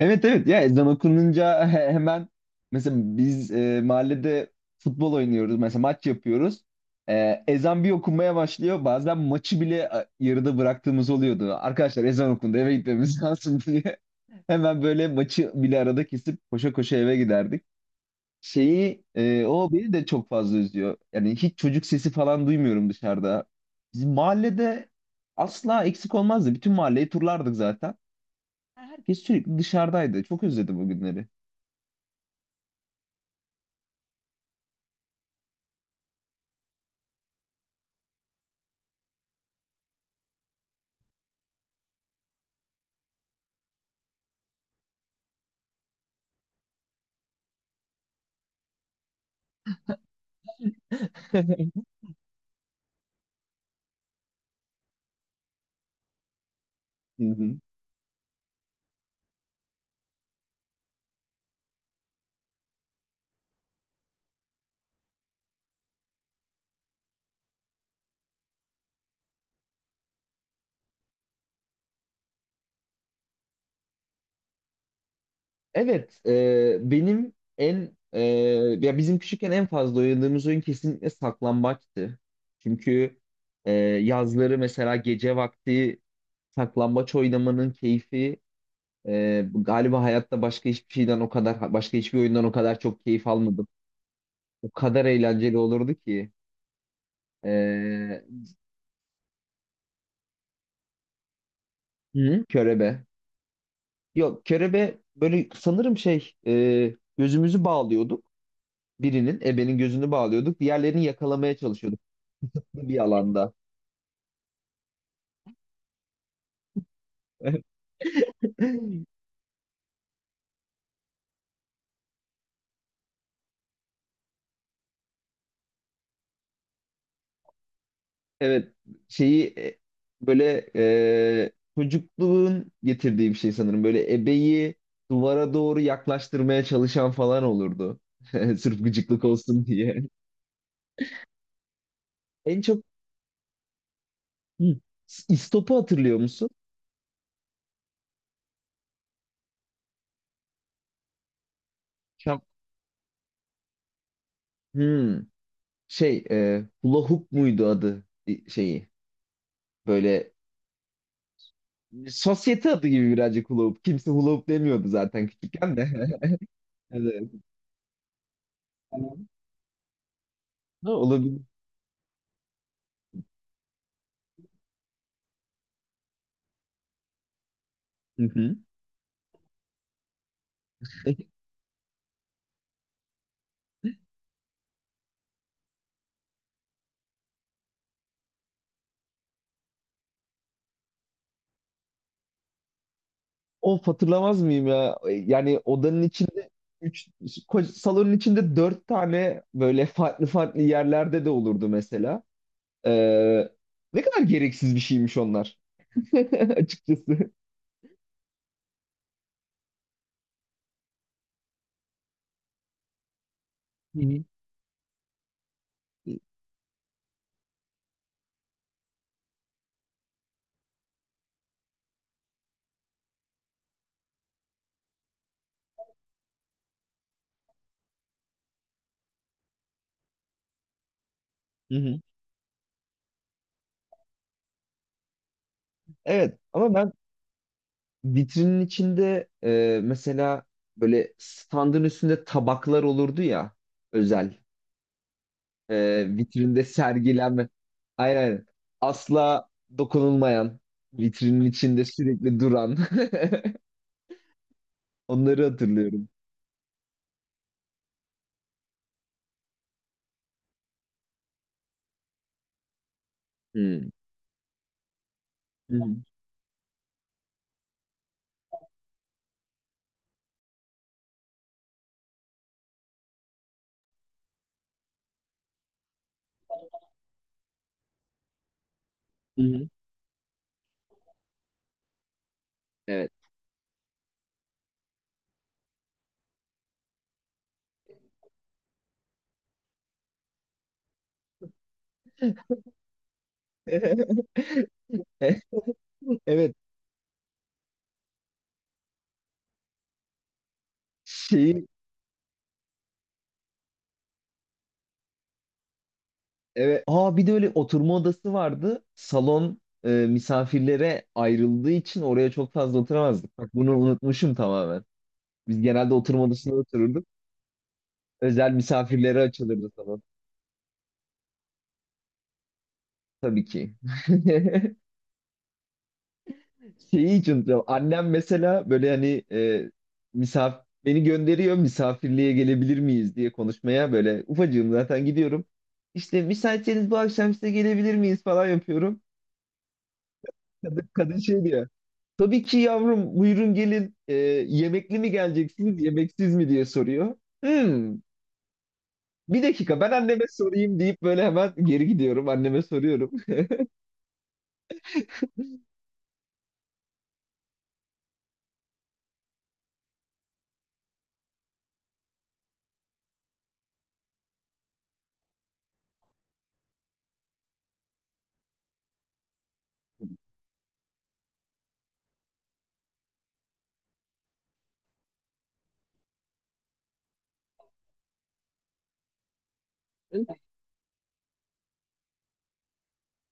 Evet, evet, ya ezan okununca hemen mesela biz mahallede futbol oynuyoruz, mesela maç yapıyoruz. Ezan bir okunmaya başlıyor, bazen maçı bile yarıda bıraktığımız oluyordu. Arkadaşlar ezan okundu, eve gitmemiz lazım diye hemen böyle maçı bile arada kesip koşa koşa eve giderdik. Şeyi, o beni de çok fazla üzüyor. Yani hiç çocuk sesi falan duymuyorum dışarıda. Bizim mahallede asla eksik olmazdı. Bütün mahalleyi turlardık zaten. Herkes sürekli dışarıdaydı. Çok özledim o günleri. Hı hı. Evet, ya bizim küçükken en fazla oynadığımız oyun kesinlikle saklambaçtı. Çünkü yazları, mesela gece vakti saklambaç oynamanın keyfi, galiba hayatta başka hiçbir şeyden o kadar, başka hiçbir oyundan o kadar çok keyif almadım. O kadar eğlenceli olurdu ki. E, hı, körebe. Yok, kerebe böyle sanırım şey, gözümüzü bağlıyorduk. Birinin, ebenin gözünü bağlıyorduk. Diğerlerini yakalamaya çalışıyorduk bir alanda. Evet, şeyi, böyle, e, çocukluğun getirdiği bir şey sanırım. Böyle ebeyi duvara doğru yaklaştırmaya çalışan falan olurdu. Sırf gıcıklık olsun diye. En çok, hı, istopu hatırlıyor musun? Şam- Hmm, Şey, hula hoop muydu adı, şeyi? Böyle sosyete adı gibi birazcık, hula hoop. Kimse hula hoop demiyordu zaten küçükken de. Evet. Tamam. Ha, olabilir. Hı hı. Of, hatırlamaz mıyım ya? Yani odanın içinde, üç, salonun içinde dört tane böyle farklı farklı yerlerde de olurdu mesela. Ee, Ne kadar gereksiz bir şeymiş onlar. Açıkçası. Hı hı. Hı hı. Evet, ama ben vitrinin içinde, mesela böyle standın üstünde tabaklar olurdu ya, özel. Vitrinde sergilenme. Aynen, aynen. Asla dokunulmayan, vitrinin içinde sürekli duran. Onları hatırlıyorum. Hmm. Hı hı. Hı hı. Evet. E- Evet. Şeyi evet. Aa, bir de öyle oturma odası vardı. Salon misafirlere ayrıldığı için oraya çok fazla oturamazdık. Bak, bunu unutmuşum tamamen. Biz genelde oturma odasında otururduk. Özel misafirlere açılırdı salon. Tabii ki. Şeyi hiç unutamam. Annem mesela böyle hani, misafir, beni gönderiyor misafirliğe gelebilir miyiz diye konuşmaya, böyle ufacığım zaten gidiyorum. İşte müsaitseniz bu akşam size gelebilir miyiz falan yapıyorum. Kadın, kadın şey diyor. Tabii ki yavrum, buyurun gelin. Yemekli mi geleceksiniz, yemeksiz mi diye soruyor. Hmm, Bir dakika, ben anneme sorayım, deyip böyle hemen geri gidiyorum, anneme soruyorum.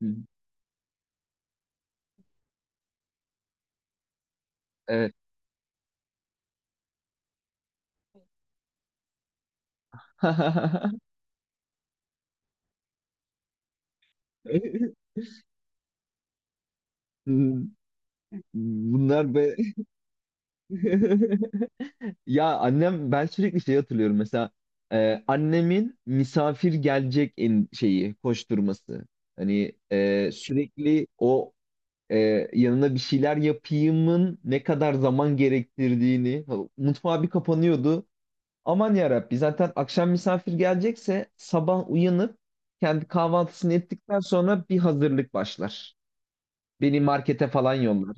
Evet. Bunlar be. Ya annem, ben sürekli şey hatırlıyorum, mesela annemin misafir gelecek en şeyi koşturması. Hani sürekli o, e, yanına bir şeyler yapayımın ne kadar zaman gerektirdiğini, ha, mutfağa bir kapanıyordu. Aman ya Rabbi, zaten akşam misafir gelecekse sabah uyanıp kendi kahvaltısını ettikten sonra bir hazırlık başlar. Beni markete falan yollar.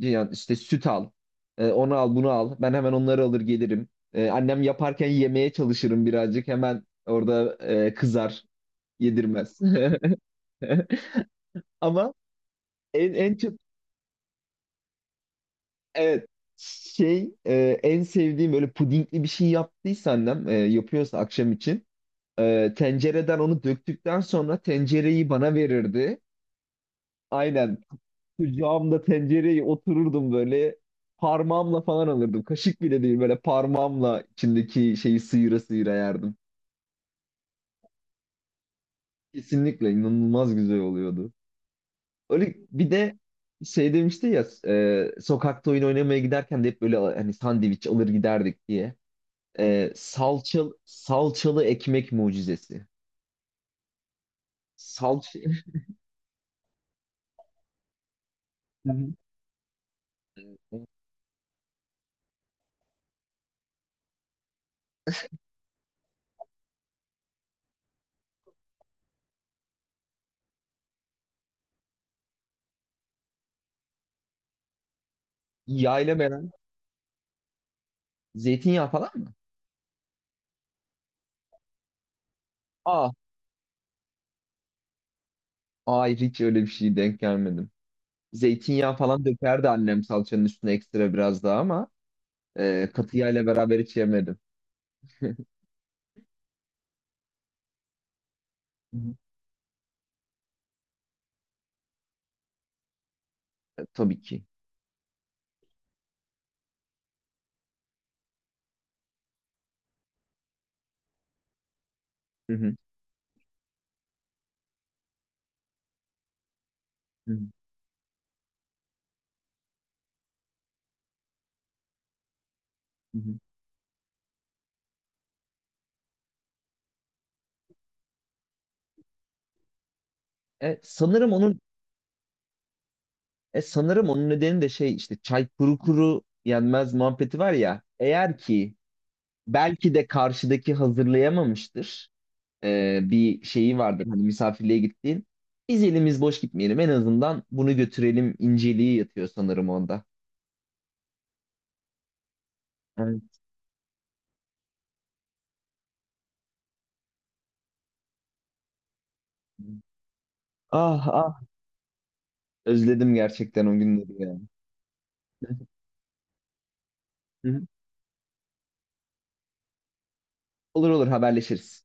Yani işte, süt al. Onu al, bunu al. Ben hemen onları alır gelirim. Annem yaparken yemeye çalışırım birazcık. Hemen orada kızar, yedirmez. Ama en çok, evet, şey, en sevdiğim böyle pudingli bir şey yaptıysa annem, yapıyorsa akşam için tencereden onu döktükten sonra tencereyi bana verirdi. Aynen. Kucağımda tencereye otururdum böyle. Parmağımla falan alırdım. Kaşık bile değil, böyle parmağımla içindeki şeyi sıyıra sıyıra yerdim. Kesinlikle inanılmaz güzel oluyordu. Öyle bir de şey demişti ya, sokakta oyun oynamaya giderken de hep böyle hani sandviç alır giderdik diye. Salçalı ekmek mucizesi. Salça. Hı hı. Yayla veren zeytinyağı falan mı? Aa, hayır, hiç öyle bir şey denk gelmedim. Zeytinyağı falan dökerdi annem salçanın üstüne ekstra biraz daha ama katı yağ ile beraber hiç yemedim. Hı hı. Tabii ki. Hı hı. Hı hı. Hı hı. E, sanırım onun Sanırım onun nedeni de şey, işte çay kuru kuru yenmez muhabbeti var ya. Eğer ki belki de karşıdaki hazırlayamamıştır. Bir şeyi vardır hani misafirliğe gittiğin. Biz elimiz boş gitmeyelim, en azından bunu götürelim inceliği yatıyor sanırım onda. Evet. Ah, ah, özledim gerçekten o günleri ya. Hı hı. Olur, olur, haberleşiriz.